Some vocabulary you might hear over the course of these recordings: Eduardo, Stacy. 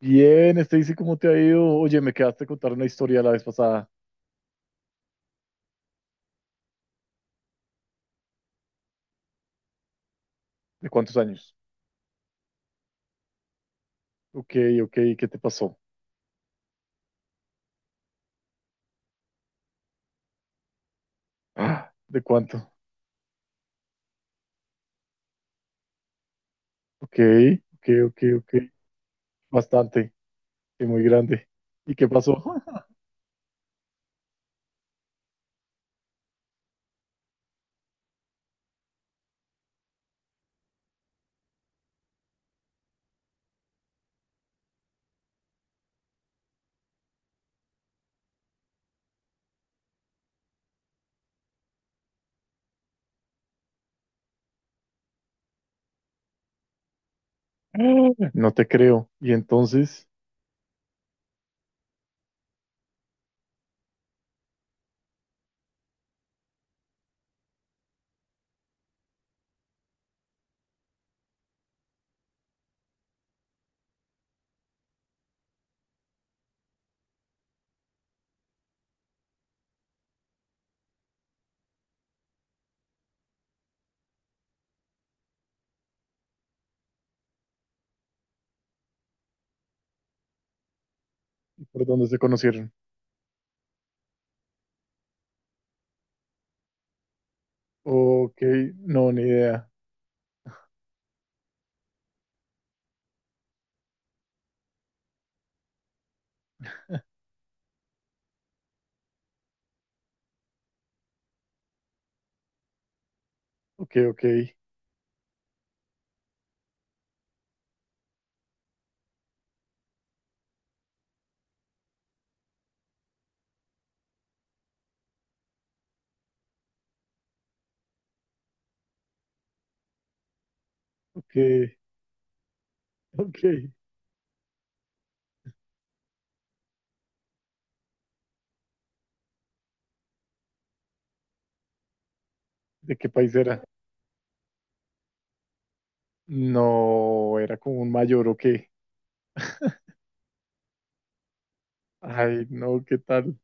Bien, Stacy, ¿cómo te ha ido? Oye, me quedaste a contar una historia la vez pasada. ¿De cuántos años? Ok, ok, ¿qué te pasó? Ah, ¿de cuánto? Ok, ok, ok, ok. Bastante, y muy grande. ¿Y qué pasó? No te creo. ¿Y entonces? ¿Y ¿por dónde se conocieron? Ok, no, ni idea. Ok, ok, ok, ok. ¿De qué país era? No, era como un mayor, o qué. Ay, no, ¿qué tal?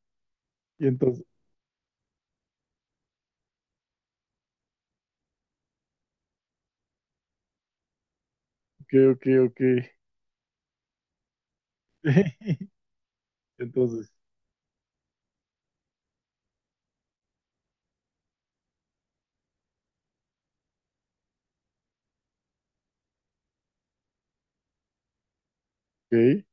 Y entonces, ok, ok, ok. Entonces, ¿qué?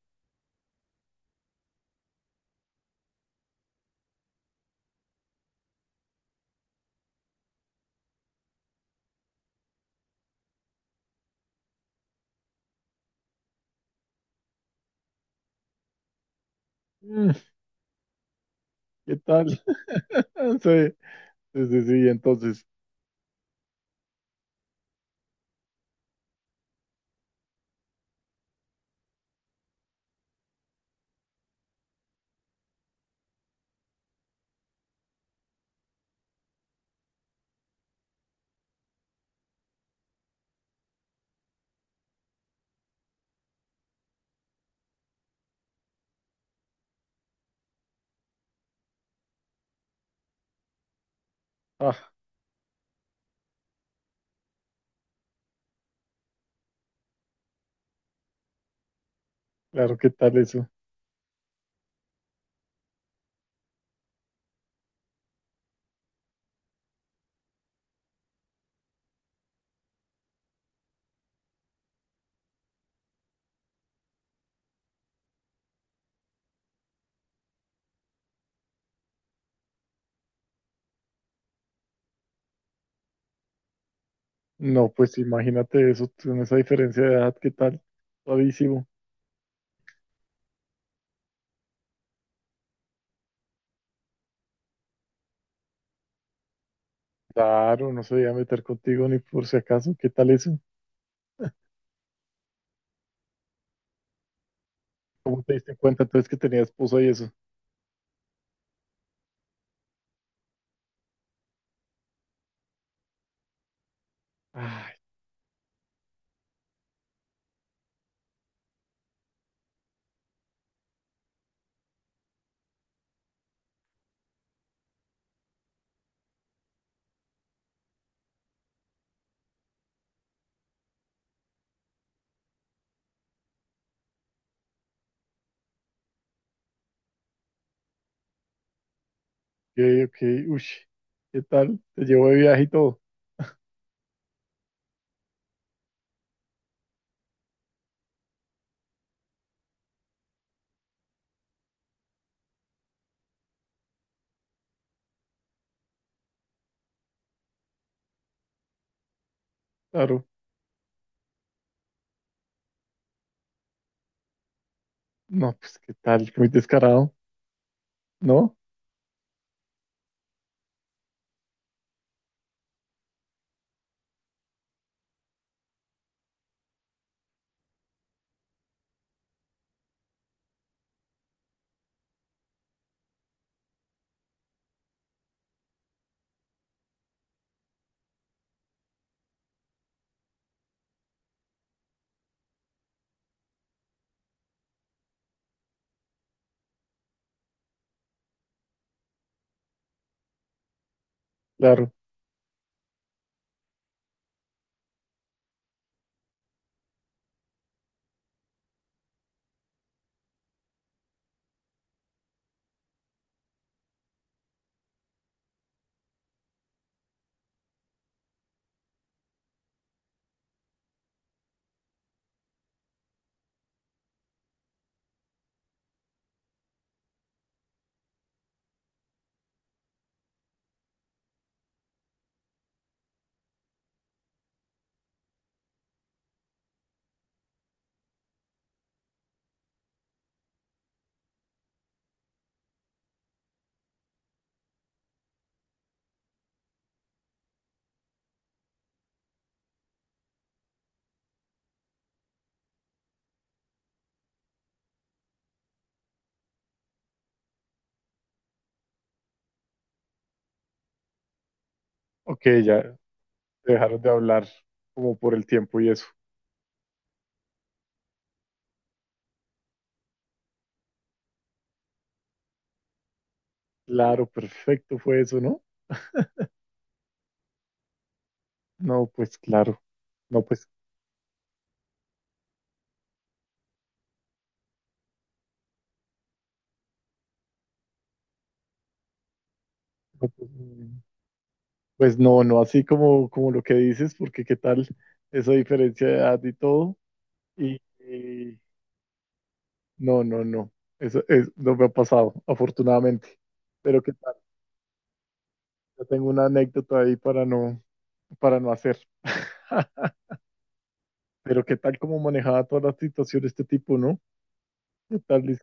Mm, ¿qué tal? Sí, sí, sí, sí, entonces, ah, claro, ¿qué tal eso? No, pues imagínate eso, con esa diferencia de edad, ¿qué tal? Suavísimo. Claro, no se iba a meter contigo ni por si acaso, ¿qué tal eso? ¿Cómo te diste cuenta entonces que tenía esposa y eso? Ay, ok, ok, uy, ¿qué tal? Te llevo de viaje y todo, claro. No, pues, ¿qué tal? Muy descarado, ¿no? Claro, ok, ya dejaron de hablar como por el tiempo y eso. Claro, perfecto fue eso, ¿no? No, pues claro. No, pues, no, pues, mm, pues, no, no así como, como lo que dices, porque qué tal esa diferencia de edad y todo. Y no, no, no. Eso es, no me ha pasado, afortunadamente. Pero qué tal. Yo tengo una anécdota ahí para no hacer. Pero qué tal como manejaba toda la situación de este tipo, ¿no? ¿Qué tal? Dice,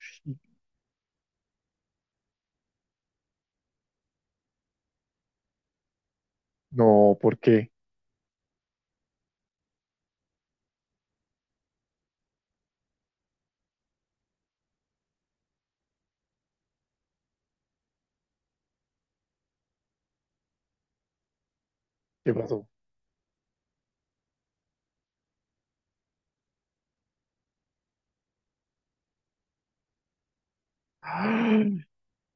"Sí". No, ¿por qué? ¿Qué pasó?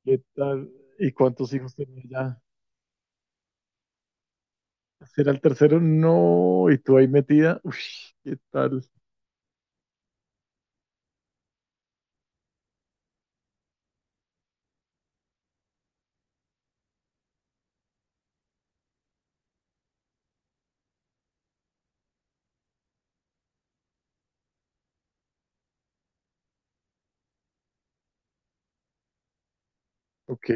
¿Qué tal? ¿Y cuántos hijos tenía ya? ¿Ese era el tercero? No, y tú ahí metida. Uy, ¿qué tal? Ok,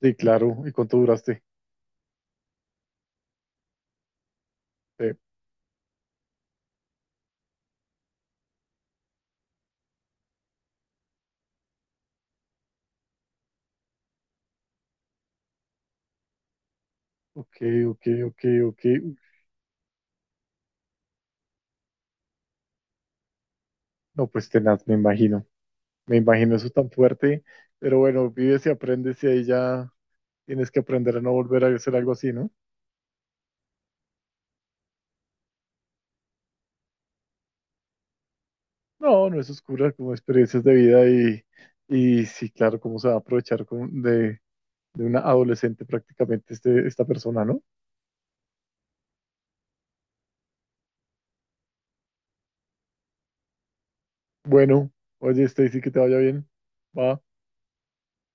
sí, claro. ¿Y cuánto duraste? Sí. Ok, ok, ok, ok. Uf, no, pues tenaz, me imagino. Me imagino eso tan fuerte. Pero bueno, vives y aprendes y ahí ya tienes que aprender a no volver a hacer algo así, ¿no? No, no es oscura, como experiencias de vida y sí, claro, cómo se va a aprovechar con- de una adolescente prácticamente este, esta persona, ¿no? Bueno, oye, Stacy, que te vaya bien. Va.